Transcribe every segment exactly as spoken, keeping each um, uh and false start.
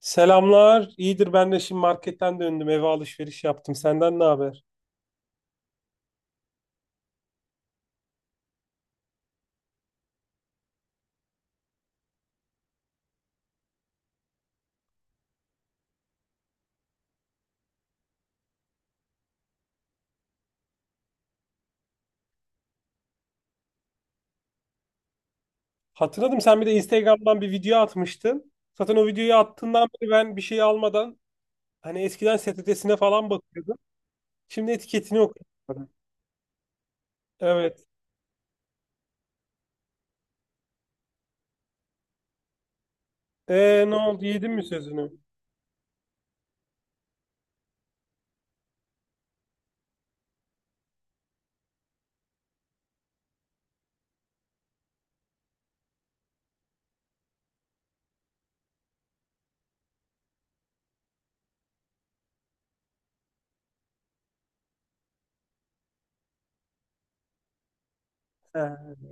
Selamlar. İyidir, ben de şimdi marketten döndüm. Eve alışveriş yaptım. Senden ne haber? Hatırladım, sen bir de Instagram'dan bir video atmıştın. Zaten o videoyu attığından beri ben bir şey almadan hani eskiden S T T'sine falan bakıyordum. Şimdi etiketini okuyorum. Evet. Ee, ne oldu? Yedin mi sözünü? He.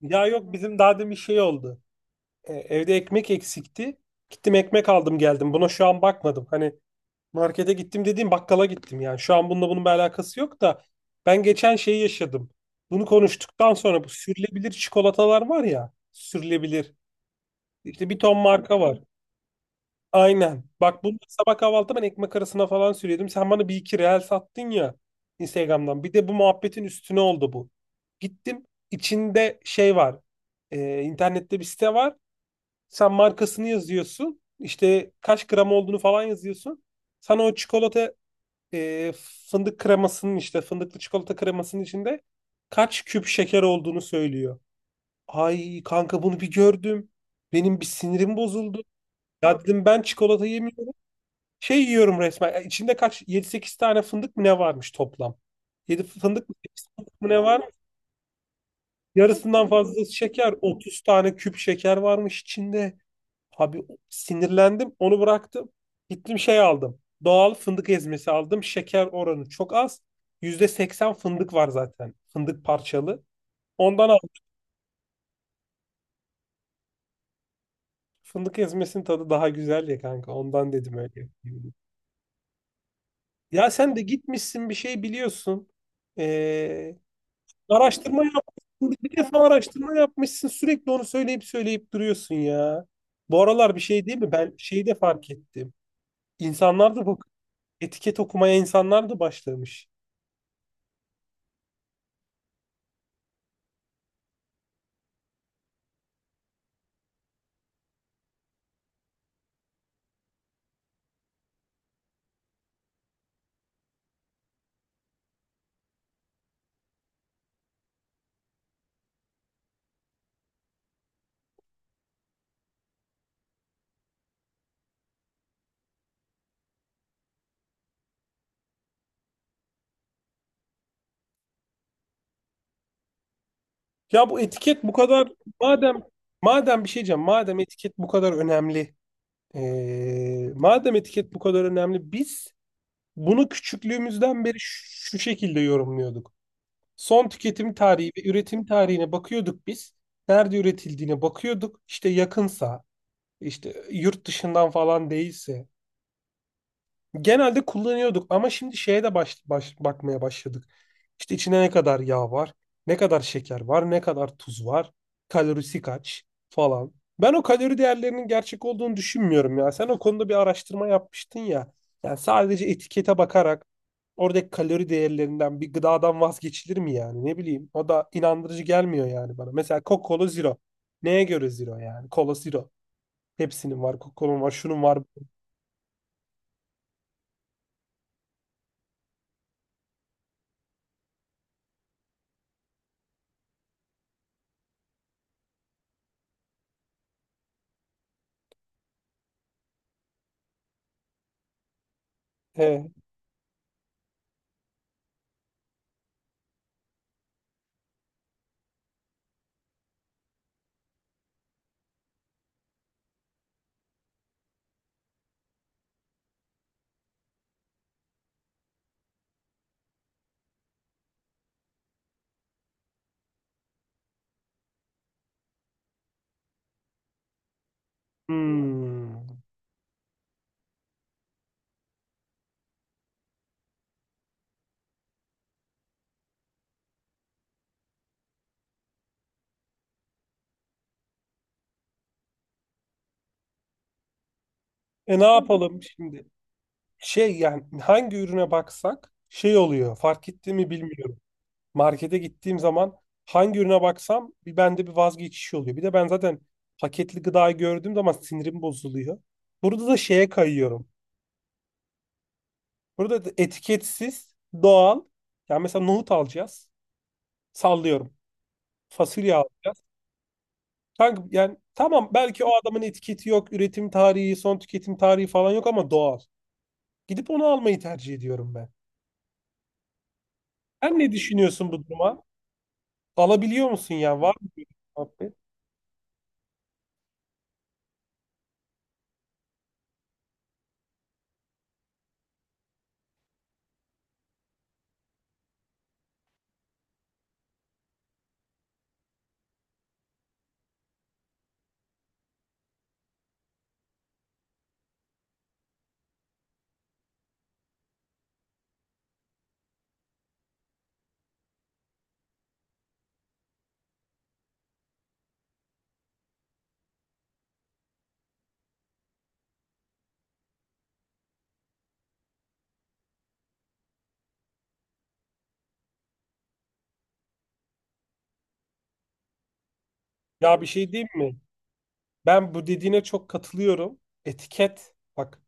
Ya yok, bizim daha demin şey oldu. E, evde ekmek eksikti. Gittim, ekmek aldım geldim. Buna şu an bakmadım. Hani markete gittim dediğim, bakkala gittim yani. Şu an bununla bunun bir alakası yok da ben geçen şeyi yaşadım. Bunu konuştuktan sonra, bu sürülebilir çikolatalar var ya. Sürülebilir. İşte bir ton marka var. Aynen. Bak, bunu sabah kahvaltıda ben ekmek arasına falan sürüyordum. Sen bana bir iki reel sattın ya Instagram'dan. Bir de bu muhabbetin üstüne oldu bu. Gittim, içinde şey var. Ee, internette bir site var. Sen markasını yazıyorsun. İşte kaç gram olduğunu falan yazıyorsun. Sana o çikolata e, fındık kremasının, işte fındıklı çikolata kremasının içinde kaç küp şeker olduğunu söylüyor. Ay kanka, bunu bir gördüm. Benim bir sinirim bozuldu. Ya dedim, ben çikolata yemiyorum. Şey yiyorum resmen. Ya İçinde kaç, yedi sekiz tane fındık mı ne varmış toplam? Yedi fındık mı, sekiz fındık mı ne var? Yarısından fazlası şeker. Otuz tane küp şeker varmış içinde. Abi sinirlendim, onu bıraktım. Gittim şey aldım, doğal fındık ezmesi aldım. Şeker oranı çok az. Yüzde seksen fındık var zaten. Fındık parçalı. Ondan aldım. Fındık ezmesinin tadı daha güzel ya kanka. Ondan dedim öyle. Yapayım. Ya sen de gitmişsin bir şey biliyorsun. Ee, araştırma yapmışsın. Bir defa araştırma yapmışsın. Sürekli onu söyleyip söyleyip duruyorsun ya. Bu aralar bir şey değil mi? Ben şeyi de fark ettim. İnsanlar da bu etiket okumaya, insanlar da başlamış. Ya bu etiket bu kadar, madem madem bir şey diyeceğim, madem etiket bu kadar önemli, eee, madem etiket bu kadar önemli, biz bunu küçüklüğümüzden beri şu şu şekilde yorumluyorduk. Son tüketim tarihi ve üretim tarihine bakıyorduk biz. Nerede üretildiğine bakıyorduk. İşte yakınsa, işte yurt dışından falan değilse, genelde kullanıyorduk. Ama şimdi şeye de baş, baş- bakmaya başladık. İşte içine ne kadar yağ var, ne kadar şeker var, ne kadar tuz var, kalorisi kaç falan. Ben o kalori değerlerinin gerçek olduğunu düşünmüyorum ya. Sen o konuda bir araştırma yapmıştın ya. Yani sadece etikete bakarak, oradaki kalori değerlerinden bir gıdadan vazgeçilir mi yani? Ne bileyim. O da inandırıcı gelmiyor yani bana. Mesela Coca-Cola Zero. Neye göre Zero yani? Cola Zero. Hepsinin var, Coca-Cola'nın var, şunun var. He. Hmm. E ne yapalım şimdi? Şey yani, hangi ürüne baksak şey oluyor. Fark etti mi bilmiyorum. Markete gittiğim zaman, hangi ürüne baksam bir bende bir vazgeçiş oluyor. Bir de ben zaten paketli gıdayı gördüğüm zaman sinirim bozuluyor. Burada da şeye kayıyorum. Burada da etiketsiz, doğal. Yani mesela nohut alacağız. Sallıyorum. Fasulye alacağız. Kanka yani tamam, belki o adamın etiketi yok, üretim tarihi, son tüketim tarihi falan yok ama doğal. Gidip onu almayı tercih ediyorum ben. Sen ne düşünüyorsun bu duruma? Alabiliyor musun ya? Var mı böyle bir muhabbet? Ya bir şey diyeyim mi? Ben bu dediğine çok katılıyorum. Etiket. Bak.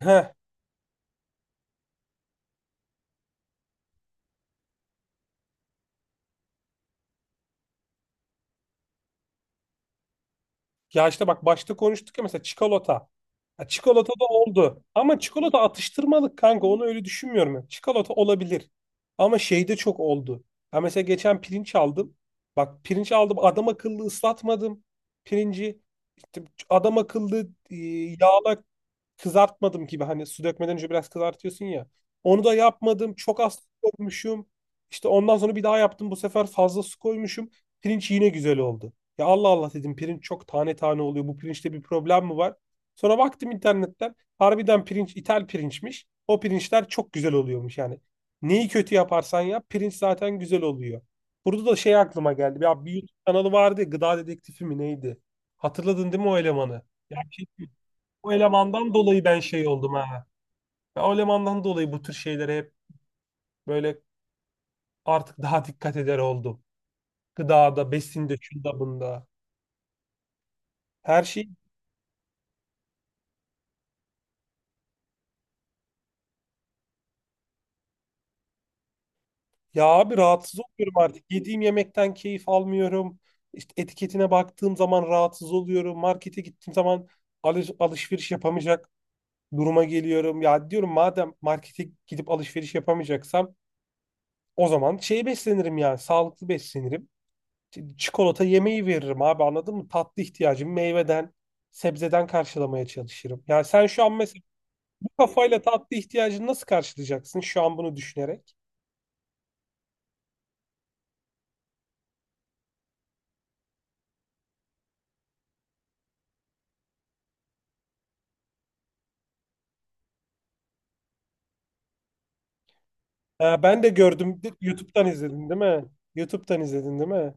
Heh. Ya işte bak, başta konuştuk ya, mesela çikolata. Ha, çikolata da oldu. Ama çikolata atıştırmalık kanka. Onu öyle düşünmüyorum ya. Çikolata olabilir. Ama şeyde çok oldu. Ya mesela geçen pirinç aldım. Bak pirinç aldım. Adam akıllı ıslatmadım. Pirinci. İşte adam akıllı e, yağla kızartmadım gibi, hani su dökmeden önce biraz kızartıyorsun ya. Onu da yapmadım. Çok az su koymuşum. İşte ondan sonra bir daha yaptım. Bu sefer fazla su koymuşum. Pirinç yine güzel oldu. Ya Allah Allah dedim, pirinç çok tane tane oluyor. Bu pirinçte bir problem mi var? Sonra baktım internetten. Harbiden pirinç İtal pirinçmiş. O pirinçler çok güzel oluyormuş yani. Neyi kötü yaparsan yap, pirinç zaten güzel oluyor. Burada da şey aklıma geldi. Ya bir YouTube kanalı vardı ya, Gıda Dedektifi mi neydi? Hatırladın değil mi o elemanı? Ya o elemandan dolayı ben şey oldum ha. Ben o elemandan dolayı bu tür şeylere hep böyle artık daha dikkat eder oldum. Gıdada, besinde, şunda bunda. Her şey, ya abi rahatsız oluyorum artık. Yediğim yemekten keyif almıyorum. İşte etiketine baktığım zaman rahatsız oluyorum. Markete gittiğim zaman alış- alışveriş yapamayacak duruma geliyorum. Ya diyorum, madem markete gidip alışveriş yapamayacaksam, o zaman şey beslenirim yani sağlıklı beslenirim. Çikolata yemeği veririm abi, anladın mı? Tatlı ihtiyacımı meyveden, sebzeden karşılamaya çalışırım. Yani sen şu an mesela bu kafayla tatlı ihtiyacını nasıl karşılayacaksın şu an bunu düşünerek? Ha, ben de gördüm. YouTube'dan izledin değil mi? YouTube'dan izledin değil mi?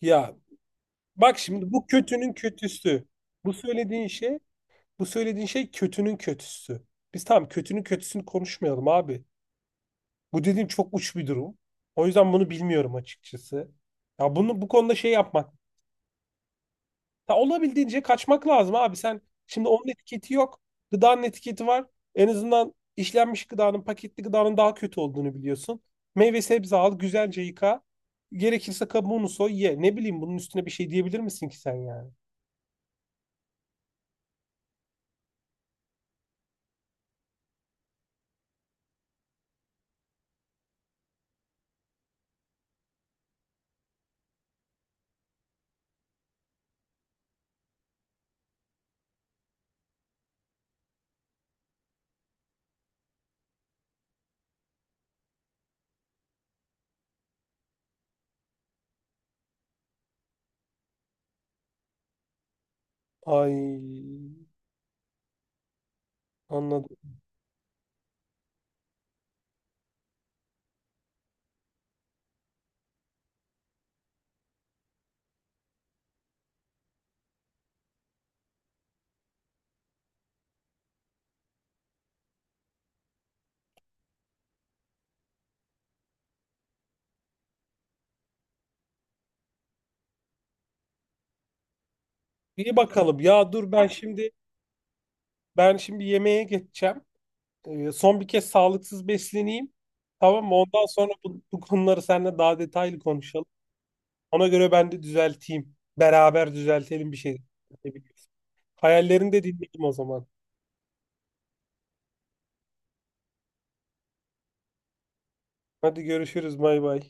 Ya bak şimdi bu kötünün kötüsü. Bu söylediğin şey Bu söylediğin şey kötünün kötüsü. Biz tamam, kötünün kötüsünü konuşmayalım abi. Bu dediğim çok uç bir durum. O yüzden bunu bilmiyorum açıkçası. Ya bunu, bu konuda şey yapmak. Ya olabildiğince kaçmak lazım abi. Sen şimdi onun etiketi yok. Gıdanın etiketi var. En azından işlenmiş gıdanın, paketli gıdanın daha kötü olduğunu biliyorsun. Meyve sebze al, güzelce yıka. Gerekirse kabuğunu soy, ye. Ne bileyim, bunun üstüne bir şey diyebilir misin ki sen yani? Ay anladım. İyi bakalım. Ya dur ben şimdi, ben şimdi yemeğe geçeceğim. Ee, son bir kez sağlıksız besleneyim. Tamam mı? Ondan sonra bu, bu konuları seninle daha detaylı konuşalım. Ona göre ben de düzelteyim. Beraber düzeltelim bir şey. Hayallerini de dinledim o zaman. Hadi görüşürüz. Bay bay.